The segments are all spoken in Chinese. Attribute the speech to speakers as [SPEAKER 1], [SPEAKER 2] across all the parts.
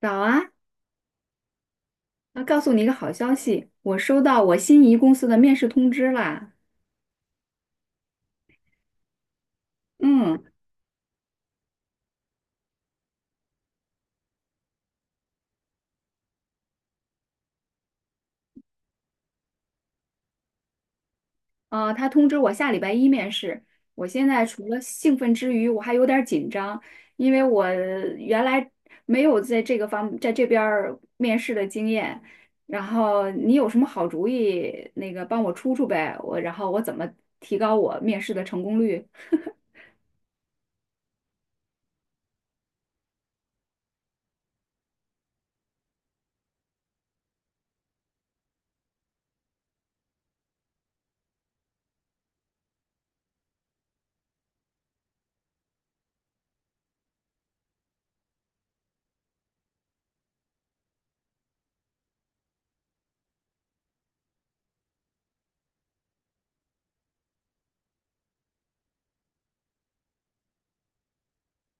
[SPEAKER 1] 早啊，要告诉你一个好消息，我收到我心仪公司的面试通知啦。嗯，他通知我下礼拜一面试。我现在除了兴奋之余，我还有点儿紧张，因为我原来没有在这个方在这边儿面试的经验。然后你有什么好主意，那个帮我出出呗。我然后我怎么提高我面试的成功率？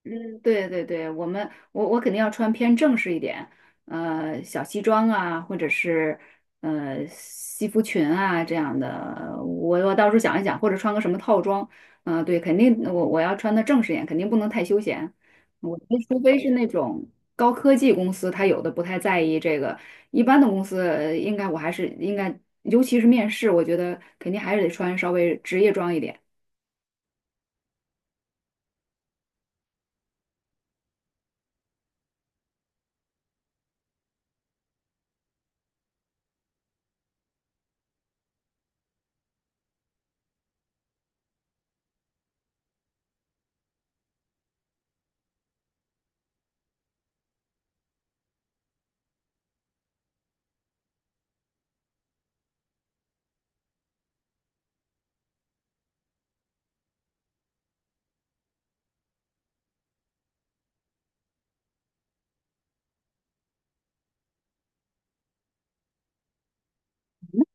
[SPEAKER 1] 嗯，对对对，我们肯定要穿偏正式一点，小西装啊，或者是西服裙啊这样的。我到时候想一想，或者穿个什么套装，嗯、对，肯定我要穿的正式一点，肯定不能太休闲。我觉得除非是那种高科技公司，它有的不太在意这个，一般的公司应该我还是应该，尤其是面试，我觉得肯定还是得穿稍微职业装一点。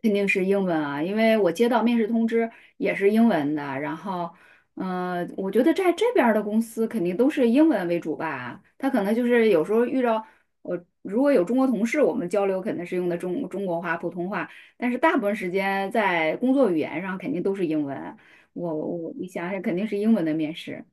[SPEAKER 1] 肯定是英文啊，因为我接到面试通知也是英文的。然后，嗯、我觉得在这边儿的公司肯定都是英文为主吧。他可能就是有时候遇到我，如果有中国同事，我们交流肯定是用的中国话、普通话，但是大部分时间在工作语言上肯定都是英文。我，你想想，肯定是英文的面试。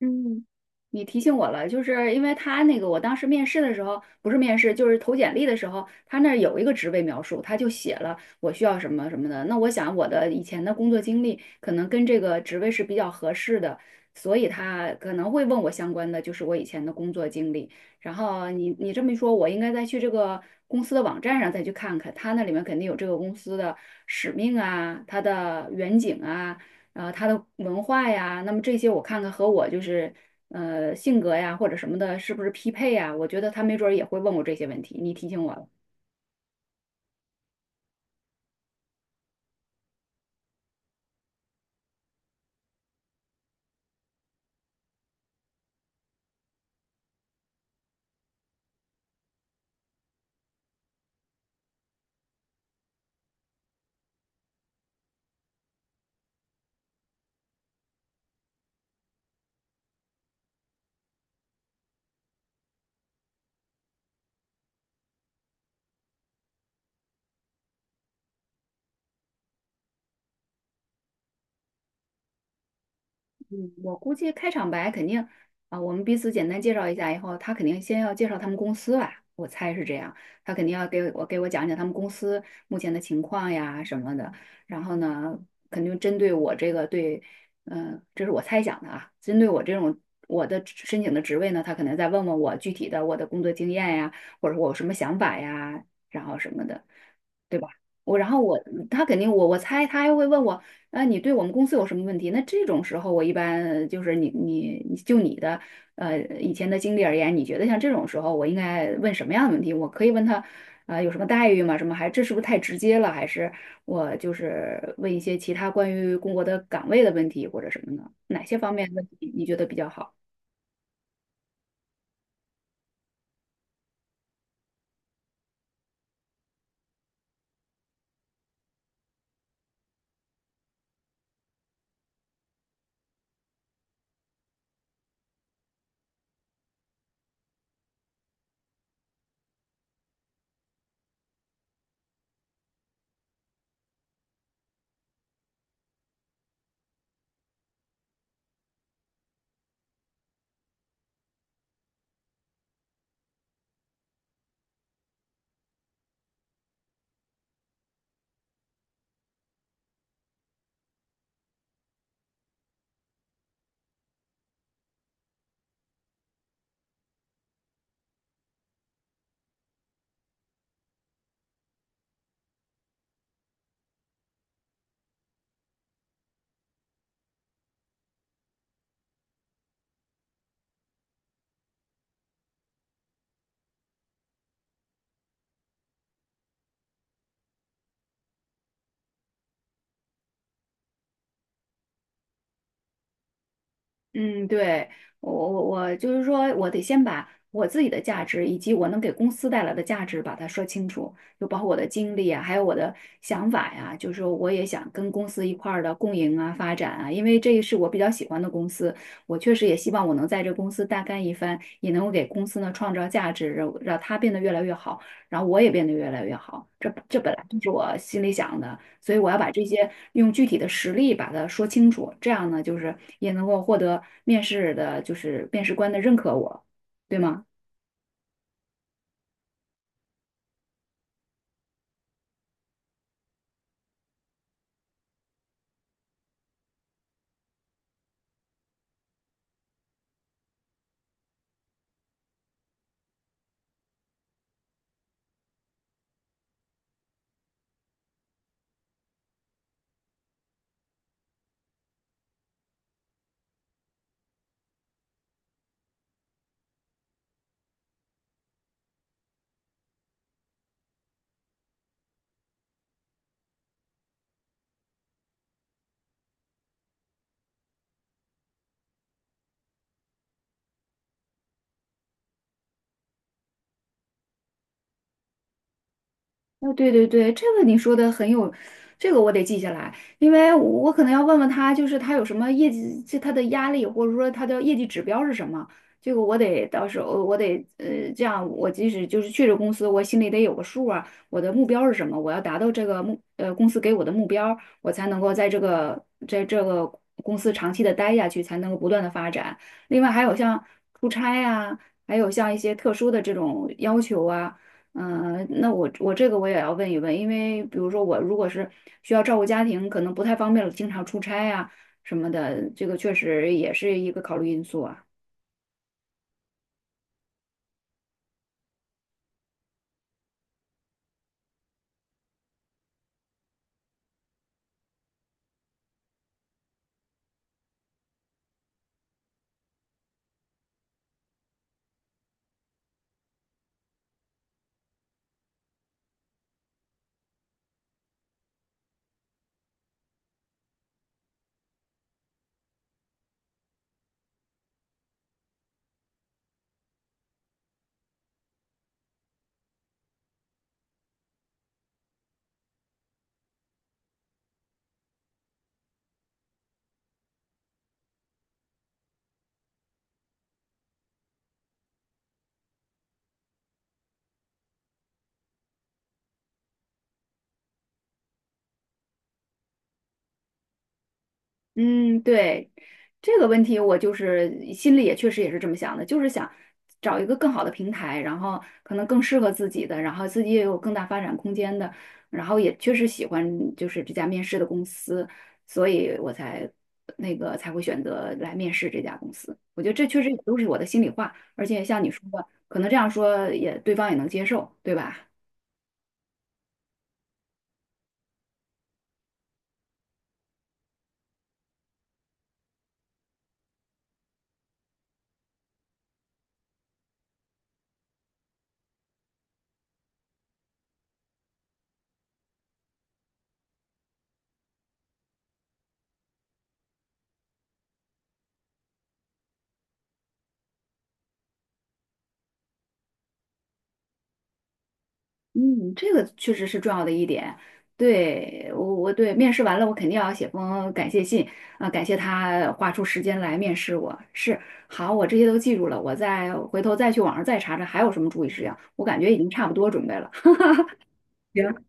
[SPEAKER 1] 嗯，你提醒我了，就是因为他那个，我当时面试的时候，不是面试，就是投简历的时候，他那儿有一个职位描述，他就写了我需要什么什么的。那我想我的以前的工作经历可能跟这个职位是比较合适的，所以他可能会问我相关的，就是我以前的工作经历。然后你这么一说，我应该再去这个公司的网站上再去看看，他那里面肯定有这个公司的使命啊，它的远景啊。啊，他的文化呀，那么这些我看看和我就是性格呀或者什么的，是不是匹配呀？我觉得他没准儿也会问我这些问题，你提醒我了。嗯，我估计开场白肯定啊，我们彼此简单介绍一下以后，他肯定先要介绍他们公司吧，我猜是这样。他肯定要给我讲讲他们公司目前的情况呀什么的。然后呢，肯定针对我这个对，嗯、这是我猜想的啊，针对我这种我的职申请的职位呢，他可能再问问我具体的我的工作经验呀，或者我有什么想法呀，然后什么的，对吧？我然后我他肯定我我猜他还会问我那你对我们公司有什么问题？那这种时候，我一般就是你的以前的经历而言，你觉得像这种时候，我应该问什么样的问题？我可以问他，呃，有什么待遇吗？什么还这是不是太直接了？还是我就是问一些其他关于工作的岗位的问题或者什么呢？哪些方面的问题你觉得比较好？嗯，对，我就是说，我得先把我自己的价值以及我能给公司带来的价值把它说清楚，就包括我的经历啊，还有我的想法呀、就是说，我也想跟公司一块儿的共赢啊、发展啊，因为这是我比较喜欢的公司，我确实也希望我能在这公司大干一番，也能够给公司呢创造价值，让它变得越来越好，然后我也变得越来越好。这本来就是我心里想的。所以我要把这些用具体的实例把它说清楚，这样呢，就是也能够获得面试的，就是面试官的认可我，对吗？哦，对对对，这个你说的很有，这个我得记下来，因为我可能要问问他，就是他有什么业绩，就他的压力，或者说他的业绩指标是什么，这个我得到时候我得，这样我即使就是去这公司，我心里得有个数啊，我的目标是什么，我要达到这个目公司给我的目标，我才能够在这个公司长期的待下去，才能够不断的发展。另外还有像出差呀、还有像一些特殊的这种要求啊。嗯，那我这个我也要问一问，因为比如说我如果是需要照顾家庭，可能不太方便了经常出差啊什么的，这个确实也是一个考虑因素啊。嗯，对，这个问题我就是心里也确实也是这么想的，就是想找一个更好的平台，然后可能更适合自己的，然后自己也有更大发展空间的，然后也确实喜欢就是这家面试的公司，所以我才那个才会选择来面试这家公司。我觉得这确实也都是我的心里话，而且像你说的，可能这样说也对方也能接受，对吧？嗯，这个确实是重要的一点。对，我我对面试完了，我肯定要写封感谢信啊，感谢他花出时间来面试我。是，好，我这些都记住了，我再回头再去网上再查查还有什么注意事项。我感觉已经差不多准备了。行，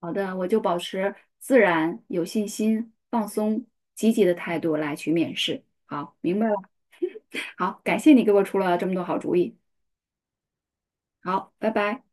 [SPEAKER 1] 好的，我就保持自然、有信心、放松、积极的态度来去面试。好，明白了。好，感谢你给我出了这么多好主意。好，拜拜。